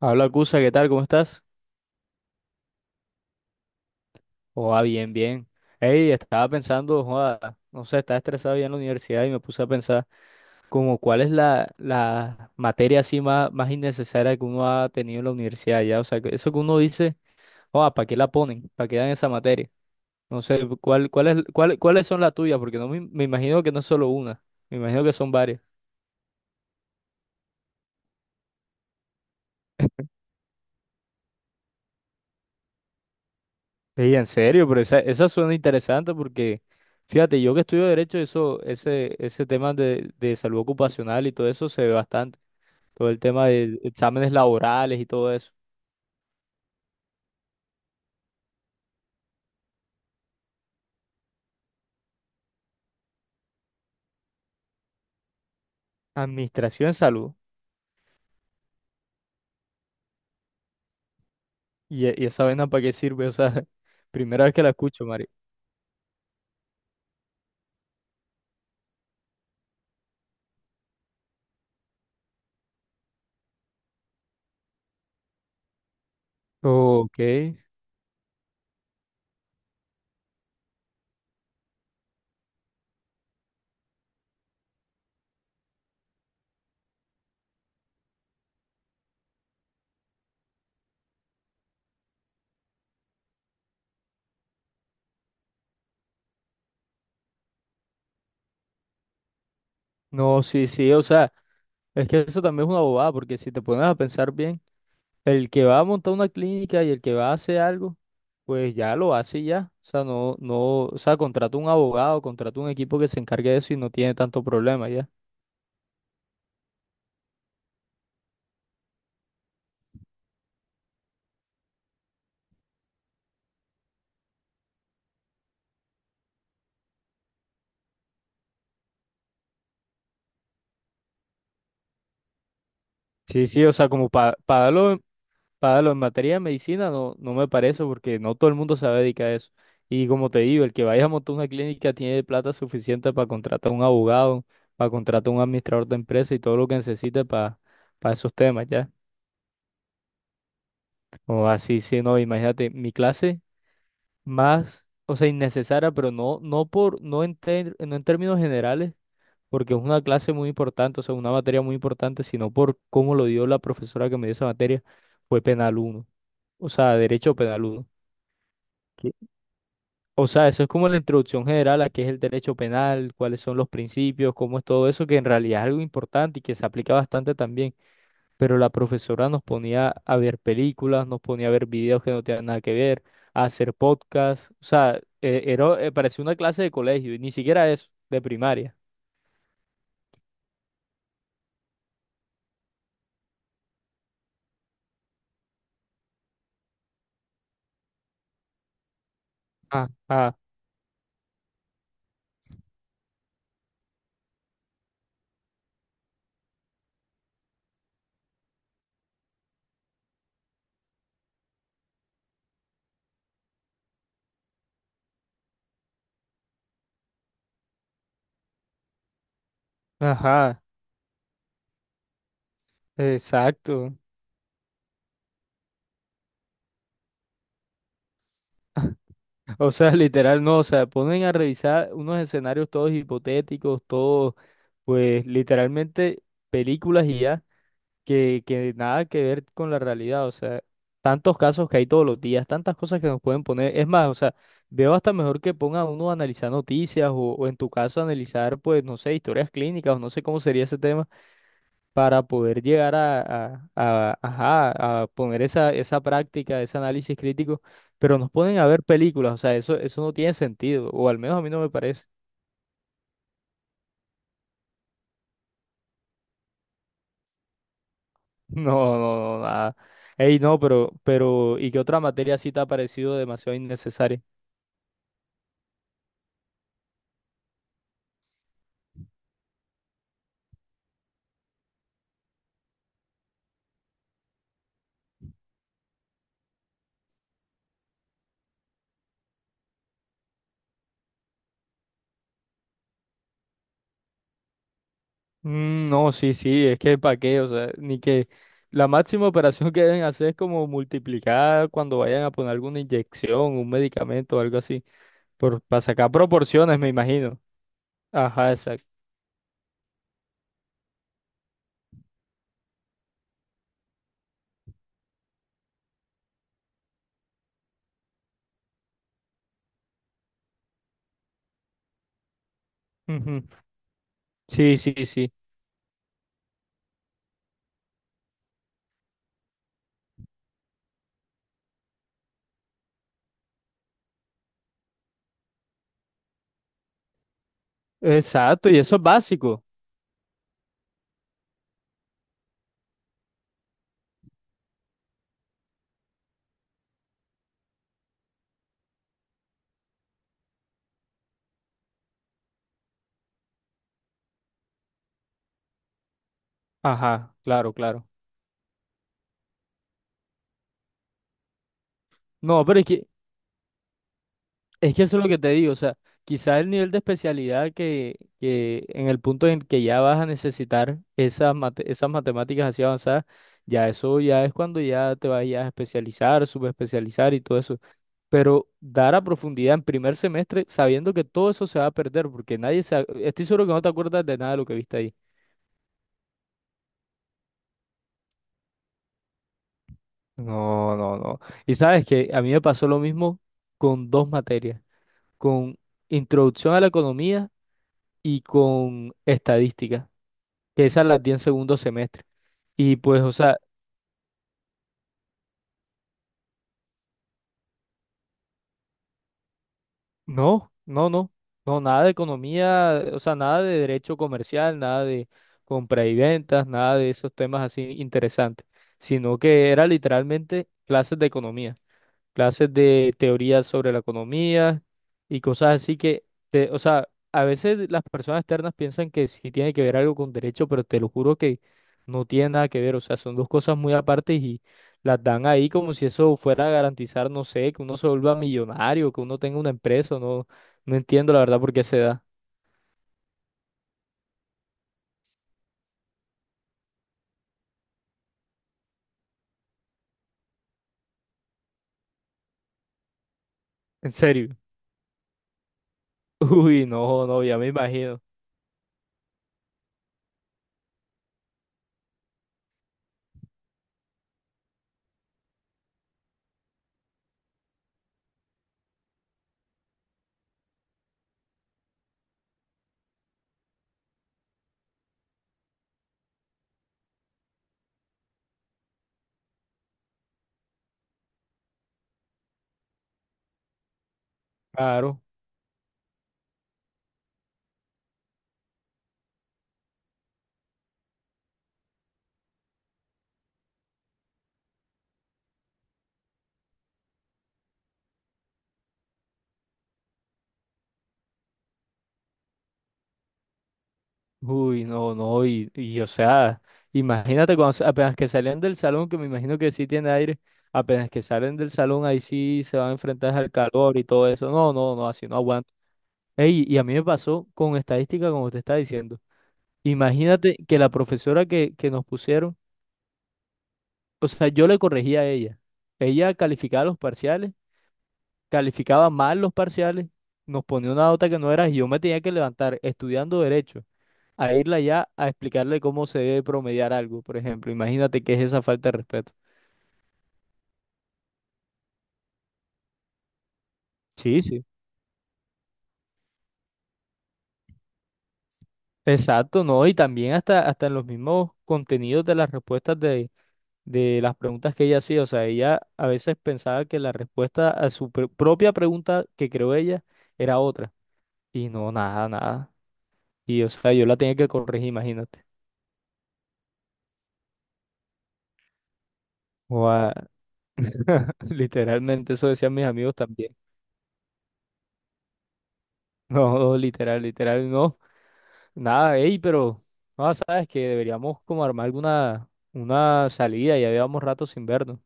Habla Cusa, ¿qué tal? ¿Cómo estás? Joda, bien, bien. Ey, estaba pensando, joda, no sé, estaba estresado ya en la universidad y me puse a pensar como cuál es la materia así más innecesaria que uno ha tenido en la universidad ya. O sea, que eso que uno dice, joda, ¿para qué la ponen? ¿Para qué dan esa materia? No sé, ¿ cuáles son las tuyas? Porque no me, me imagino que no es solo una, me imagino que son varias. Ey, en serio, pero esa suena interesante porque, fíjate, yo que estudio derecho, ese tema de salud ocupacional y todo eso se ve bastante. Todo el tema de exámenes laborales y todo eso. Administración de salud. ¿Y, y esa vaina para qué sirve? O sea, primera vez que la escucho, Mari. Ok. No, sí, sí, o sea, es que eso también es una bobada, porque si te pones a pensar bien, el que va a montar una clínica y el que va a hacer algo, pues ya lo hace y ya. O sea, no, no, o sea, contrata un abogado, contrata un equipo que se encargue de eso y no tiene tanto problema ya. Sí, sí, o sea, como para darlo, en pa darlo en materia de medicina no, no me parece porque no todo el mundo se va a dedicar a eso. Y como te digo, el que vaya a montar una clínica tiene plata suficiente para contratar un abogado, para contratar un administrador de empresa y todo lo que necesite para esos temas ya. O así, sí, no, imagínate, mi clase más, o sea, innecesaria, pero no, no por, no en, no en términos generales porque es una clase muy importante, o sea, una materia muy importante, sino por cómo lo dio la profesora que me dio esa materia, fue penal uno, o sea, derecho penal uno. ¿Qué? O sea, eso es como la introducción general a qué es el derecho penal, cuáles son los principios, cómo es todo eso, que en realidad es algo importante y que se aplica bastante también. Pero la profesora nos ponía a ver películas, nos ponía a ver videos que no tenían nada que ver, a hacer podcasts. O sea, parecía una clase de colegio y ni siquiera eso, de primaria. Ajá, ajá, exacto. O sea, literal, no, o sea, ponen a revisar unos escenarios todos hipotéticos, todos, pues literalmente películas y ya, que nada que ver con la realidad, o sea, tantos casos que hay todos los días, tantas cosas que nos pueden poner, es más, o sea, veo hasta mejor que ponga uno a analizar noticias o en tu caso analizar, pues, no sé, historias clínicas o no sé cómo sería ese tema para poder llegar a, ajá, a poner esa práctica, ese análisis crítico, pero nos ponen a ver películas, o sea, eso no tiene sentido, o al menos a mí no me parece. No, no, no, nada. Ey, no, pero, ¿y qué otra materia sí te ha parecido demasiado innecesaria? Mm, no, sí, sí, es que para qué, o sea, ni que la máxima operación que deben hacer es como multiplicar cuando vayan a poner alguna inyección, un medicamento o algo así, por, para sacar proporciones, me imagino. Ajá, exacto. Ujú. Sí, sí, sí. Exacto, y eso es básico. Ajá, claro, claro. No, pero es que eso es lo que te digo, o sea, quizás el nivel de especialidad que en el punto en que ya vas a necesitar esas, esas matemáticas así avanzadas, ya eso ya es cuando ya te vayas a especializar, subespecializar y todo eso. Pero dar a profundidad en primer semestre sabiendo que todo eso se va a perder, porque nadie se, ac- estoy seguro que no te acuerdas de nada de lo que viste ahí. No, no, no. Y sabes que a mí me pasó lo mismo con dos materias, con introducción a la economía y con estadística, que esas las di en segundo semestre. Y pues, o sea, no, no, no, no, nada de economía, o sea, nada de derecho comercial, nada de compra y ventas, nada de esos temas así interesantes, sino que era literalmente clases de economía, clases de teoría sobre la economía y cosas así que, te- o sea, a veces las personas externas piensan que sí tiene que ver algo con derecho, pero te lo juro que no tiene nada que ver, o sea, son dos cosas muy aparte y las dan ahí como si eso fuera a garantizar, no sé, que uno se vuelva millonario, que uno tenga una empresa, no, no entiendo la verdad por qué se da, en serio. Uy, no, no, ya me imagino, claro. Uy, no, no, y, o sea, imagínate cuando sa- apenas que salen del salón, que me imagino que sí tiene aire, apenas que salen del salón, ahí sí se van a enfrentar al calor y todo eso. No, no, no, así no aguanto. Ey, y a mí me pasó con estadística, como te está diciendo. Imagínate que la profesora que nos pusieron, o sea, yo le corregía a ella. Ella calificaba los parciales, calificaba mal los parciales, nos ponía una nota que no era, y yo me tenía que levantar estudiando derecho, a irla ya a explicarle cómo se debe promediar algo, por ejemplo. Imagínate qué es esa falta de respeto. Sí, sí. Exacto, no, y también hasta, hasta en los mismos contenidos de las respuestas de las preguntas que ella hacía. O sea, ella a veces pensaba que la respuesta a su propia pregunta que creó ella era otra. Y no, nada, nada. Y o sea, yo la tenía que corregir, imagínate. Guau, literalmente, eso decían mis amigos también. No, literal, literal, no. Nada, ey, pero no sabes que deberíamos como armar alguna una salida, ya llevamos rato sin vernos.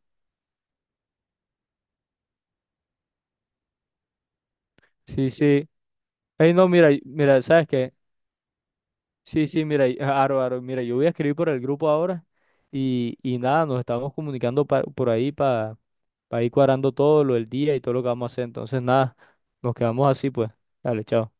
Sí, sí. Ey, no, mira, mira, ¿sabes qué? Sí, sí, mira, ah, Aro, Aro, mira, yo voy a escribir por el grupo ahora y nada, nos estamos comunicando por ahí para ir cuadrando todo lo del día y todo lo que vamos a hacer. Entonces, nada, nos quedamos así, pues. Dale, chao.